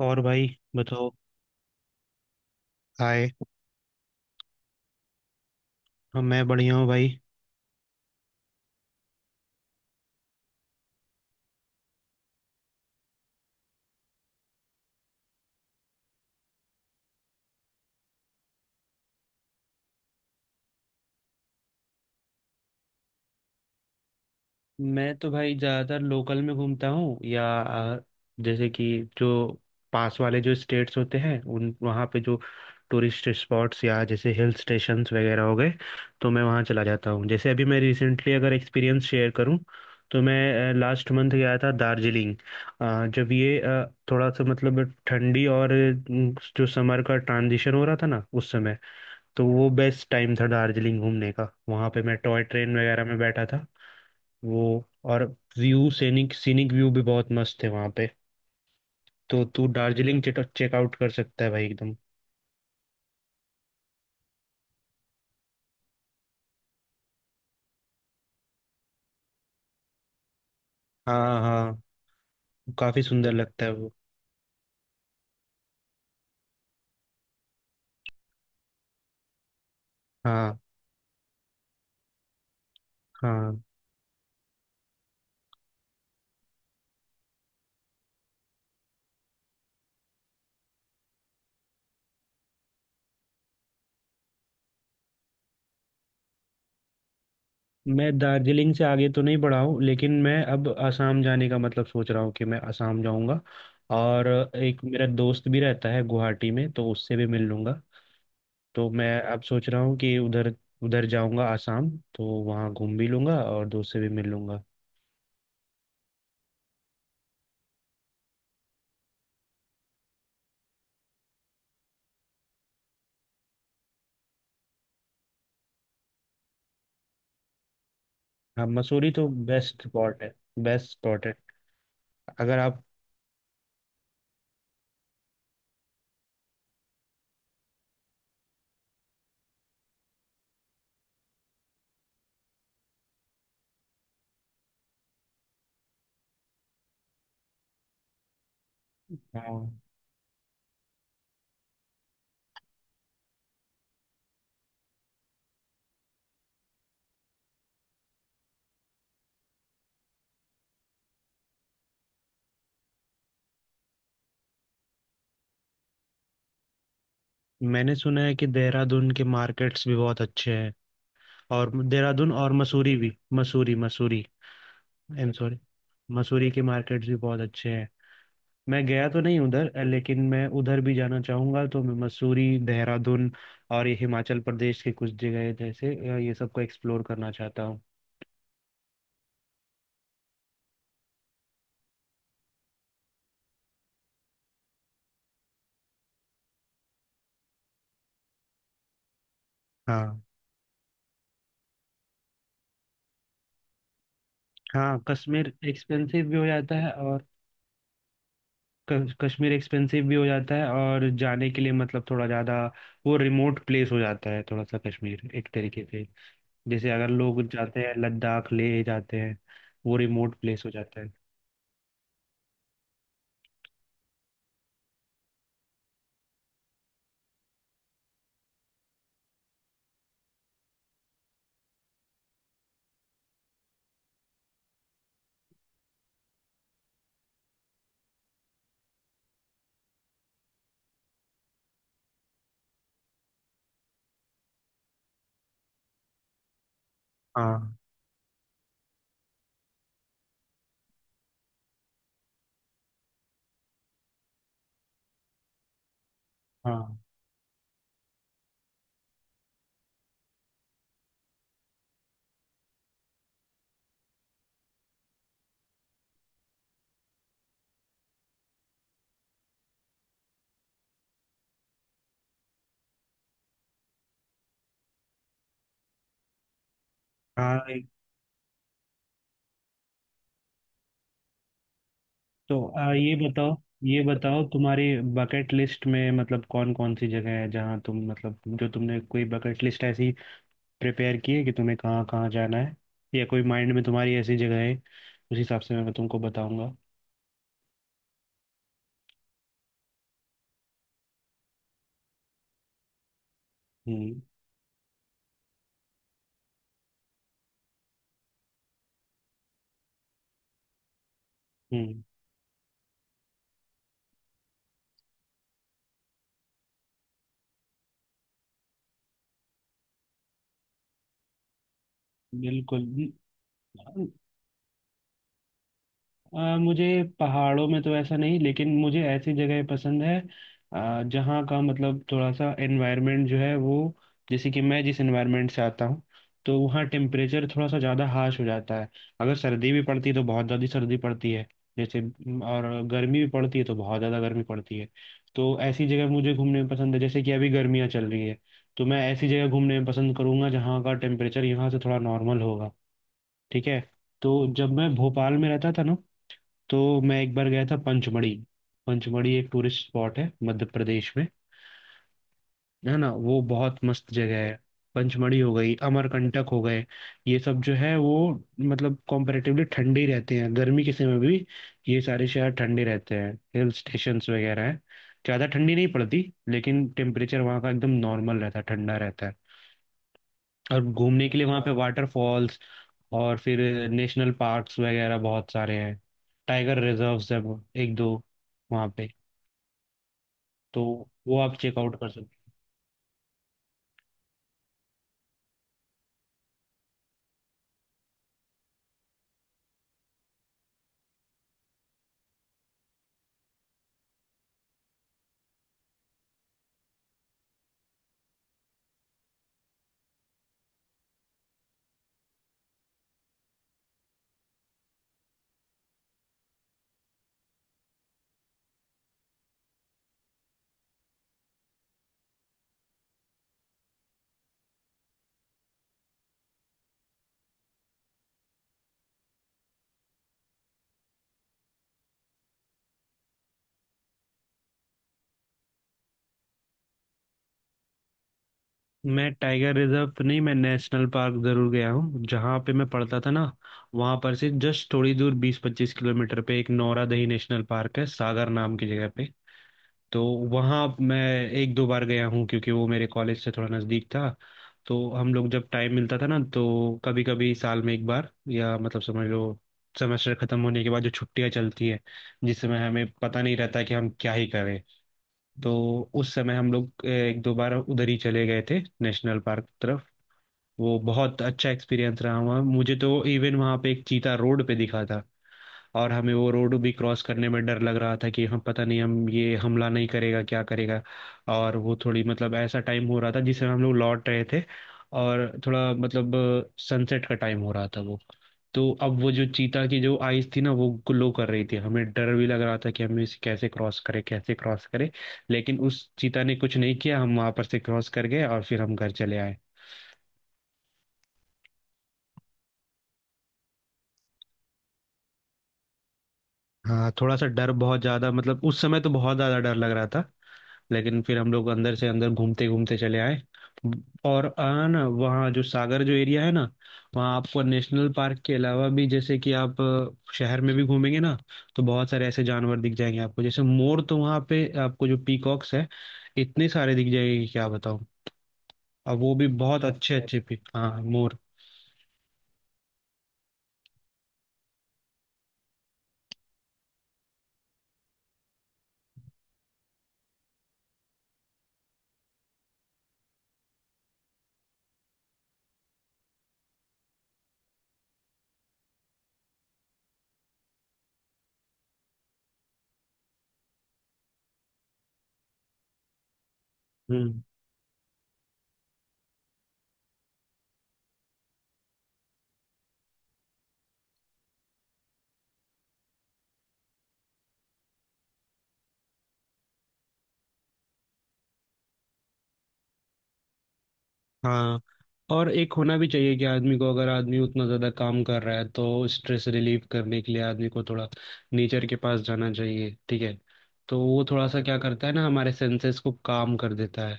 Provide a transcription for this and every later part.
और भाई, बताओ। हाय। हाँ, मैं बढ़िया हूँ भाई। मैं तो भाई ज़्यादातर लोकल में घूमता हूँ या जैसे कि जो पास वाले जो स्टेट्स होते हैं उन वहाँ पे जो टूरिस्ट स्पॉट्स या जैसे हिल स्टेशंस वगैरह हो गए, तो मैं वहाँ चला जाता हूँ। जैसे अभी मैं रिसेंटली अगर एक्सपीरियंस शेयर करूँ, तो मैं लास्ट मंथ गया था दार्जिलिंग। जब ये थोड़ा सा मतलब ठंडी और जो समर का ट्रांजिशन हो रहा था ना उस समय, तो वो बेस्ट टाइम था दार्जिलिंग घूमने का। वहाँ पे मैं टॉय ट्रेन वगैरह में बैठा था वो। और व्यू, सीनिक सीनिक व्यू भी बहुत मस्त थे वहाँ पे। तो तू दार्जिलिंग चेकआउट कर सकता है भाई, एकदम। हाँ हाँ। काफ़ी सुंदर लगता है वो। हाँ हाँ। मैं दार्जिलिंग से आगे तो नहीं बढ़ा हूँ, लेकिन मैं अब आसाम जाने का मतलब सोच रहा हूँ कि मैं आसाम जाऊँगा। और एक मेरा दोस्त भी रहता है गुवाहाटी में, तो उससे भी मिल लूँगा। तो मैं अब सोच रहा हूँ कि उधर उधर जाऊंगा आसाम, तो वहाँ घूम भी लूंगा और दोस्त से भी मिल लूंगा। हाँ, मसूरी तो बेस्ट स्पॉट है। बेस्ट स्पॉट है। अगर आप। हाँ, मैंने सुना है कि देहरादून के मार्केट्स भी बहुत अच्छे हैं। और देहरादून और मसूरी भी, Mussoorie Mussoorie I am sorry, Mussoorie के मार्केट्स भी बहुत अच्छे हैं। मैं गया तो नहीं उधर, लेकिन मैं उधर भी जाना चाहूंगा। तो मैं मसूरी, देहरादून और ये हिमाचल प्रदेश के कुछ जगह जैसे, ये सबको एक्सप्लोर करना चाहता हूँ। हाँ हाँ, कश्मीर एक्सपेंसिव भी हो जाता है और कश्मीर एक्सपेंसिव भी हो जाता है और जाने के लिए मतलब थोड़ा ज़्यादा। वो रिमोट प्लेस हो जाता है थोड़ा सा कश्मीर एक तरीके से। जैसे अगर लोग जाते हैं लद्दाख ले जाते हैं, वो रिमोट प्लेस हो जाता है। हाँ हाँ हाँ। तो ये बताओ, तुम्हारी बकेट लिस्ट में मतलब कौन कौन सी जगह है जहाँ तुम मतलब, जो तुमने कोई बकेट लिस्ट ऐसी प्रिपेयर किए कि तुम्हें कहाँ कहाँ जाना है, या कोई माइंड में तुम्हारी ऐसी जगह है, उस हिसाब से मैं तुमको बताऊंगा। हम्म हम्म। बिल्कुल। मुझे पहाड़ों में तो ऐसा नहीं, लेकिन मुझे ऐसी जगह पसंद है, जहाँ का मतलब थोड़ा सा एनवायरनमेंट जो है वो, जैसे कि मैं जिस एनवायरनमेंट से आता हूँ, तो वहाँ टेम्परेचर थोड़ा सा ज़्यादा हार्श हो जाता है। अगर सर्दी भी पड़ती है तो बहुत ज़्यादा सर्दी पड़ती है जैसे, और गर्मी भी पड़ती है तो बहुत ज़्यादा गर्मी पड़ती है। तो ऐसी जगह मुझे घूमने में पसंद है। जैसे कि अभी गर्मियाँ चल रही है, तो मैं ऐसी जगह घूमने में पसंद करूंगा जहाँ का टेम्परेचर यहाँ से थोड़ा नॉर्मल होगा। ठीक है। तो जब मैं भोपाल में रहता था ना, तो मैं एक बार गया था पंचमढ़ी। पंचमढ़ी एक टूरिस्ट स्पॉट है मध्य प्रदेश में। है ना, वो बहुत मस्त जगह है। पंचमढ़ी हो गई, अमरकंटक हो गए। ये सब जो है वो मतलब कॉम्परेटिवली ठंडे ही रहते हैं गर्मी के समय में भी। ये सारे शहर ठंडे रहते हैं, हिल स्टेशंस वगैरह हैं। ज़्यादा ठंडी नहीं पड़ती, लेकिन टेम्परेचर वहाँ का एकदम नॉर्मल रहता है, ठंडा रहता है। और घूमने के लिए वहाँ पे, हाँ, वाटरफॉल्स, और फिर नेशनल पार्क्स वगैरह बहुत सारे हैं। टाइगर रिजर्व्स है एक दो, वहाँ पे। तो वो आप चेकआउट कर सकते हो। मैं टाइगर रिजर्व तो नहीं, मैं नेशनल पार्क जरूर गया हूँ। जहाँ पे मैं पढ़ता था ना, वहाँ पर से जस्ट थोड़ी दूर 20-25 किलोमीटर पे एक नौरादही नेशनल पार्क है, सागर नाम की जगह पे। तो वहाँ मैं एक दो बार गया हूँ क्योंकि वो मेरे कॉलेज से थोड़ा नज़दीक था। तो हम लोग जब टाइम मिलता था ना, तो कभी कभी साल में एक बार, या मतलब समझ लो, सेमेस्टर खत्म होने के बाद जो छुट्टियाँ चलती है, जिस समय हमें पता नहीं रहता कि हम क्या ही करें, तो उस समय हम लोग एक दो बार उधर ही चले गए थे नेशनल पार्क की तरफ। वो बहुत अच्छा एक्सपीरियंस रहा। वहाँ मुझे तो इवन वहाँ पे एक चीता रोड पे दिखा था, और हमें वो रोड भी क्रॉस करने में डर लग रहा था कि हम पता नहीं, हम ये हमला नहीं करेगा क्या करेगा। और वो थोड़ी मतलब ऐसा टाइम हो रहा था जिसमें हम लोग लौट रहे थे, और थोड़ा मतलब सनसेट का टाइम हो रहा था वो। तो अब वो जो चीता की जो आइज थी ना, वो ग्लो कर रही थी। हमें डर भी लग रहा था कि हमें इसे कैसे क्रॉस करे, कैसे क्रॉस करे। लेकिन उस चीता ने कुछ नहीं किया, हम वहां पर से क्रॉस कर गए और फिर हम घर चले आए। हाँ, थोड़ा सा डर, बहुत ज्यादा मतलब उस समय तो बहुत ज्यादा डर लग रहा था। लेकिन फिर हम लोग अंदर से अंदर घूमते घूमते चले आए। और आ ना, वहाँ जो सागर जो एरिया है ना, वहाँ आपको नेशनल पार्क के अलावा भी, जैसे कि आप शहर में भी घूमेंगे ना, तो बहुत सारे ऐसे जानवर दिख जाएंगे आपको। जैसे मोर, तो वहाँ पे आपको जो पीकॉक्स है, इतने सारे दिख जाएंगे कि क्या बताऊँ। अब वो भी बहुत अच्छे अच्छे पी हाँ, मोर। हम्म। हाँ, और एक होना भी चाहिए कि आदमी को, अगर आदमी उतना ज़्यादा काम कर रहा है तो स्ट्रेस रिलीव करने के लिए आदमी को थोड़ा नेचर के पास जाना चाहिए। ठीक है। तो वो थोड़ा सा क्या करता है ना, हमारे सेंसेस को काम कर देता है।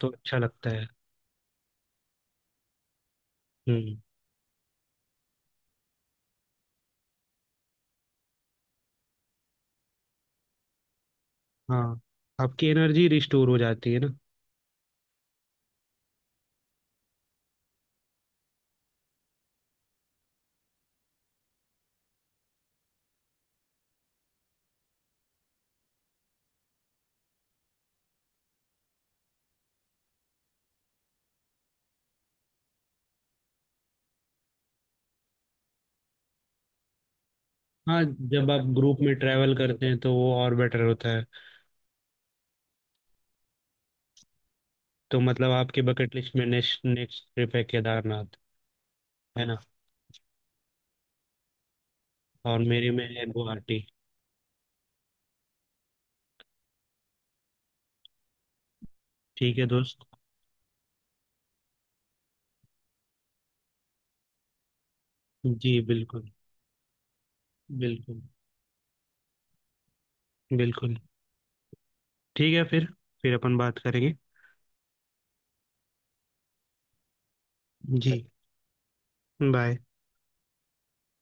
तो अच्छा लगता है। हम्म। हाँ, आपकी एनर्जी रिस्टोर हो जाती है ना। हाँ, जब आप ग्रुप में ट्रैवल करते हैं तो वो और बेटर होता है। तो मतलब आपके बकेट लिस्ट में नेक्स्ट नेक्स्ट ट्रिप है केदारनाथ, है ना। और मेरे में है गुवाहाटी। ठीक है दोस्त। जी बिल्कुल। बिल्कुल बिल्कुल। ठीक है फिर, अपन बात करेंगे। जी। बाय।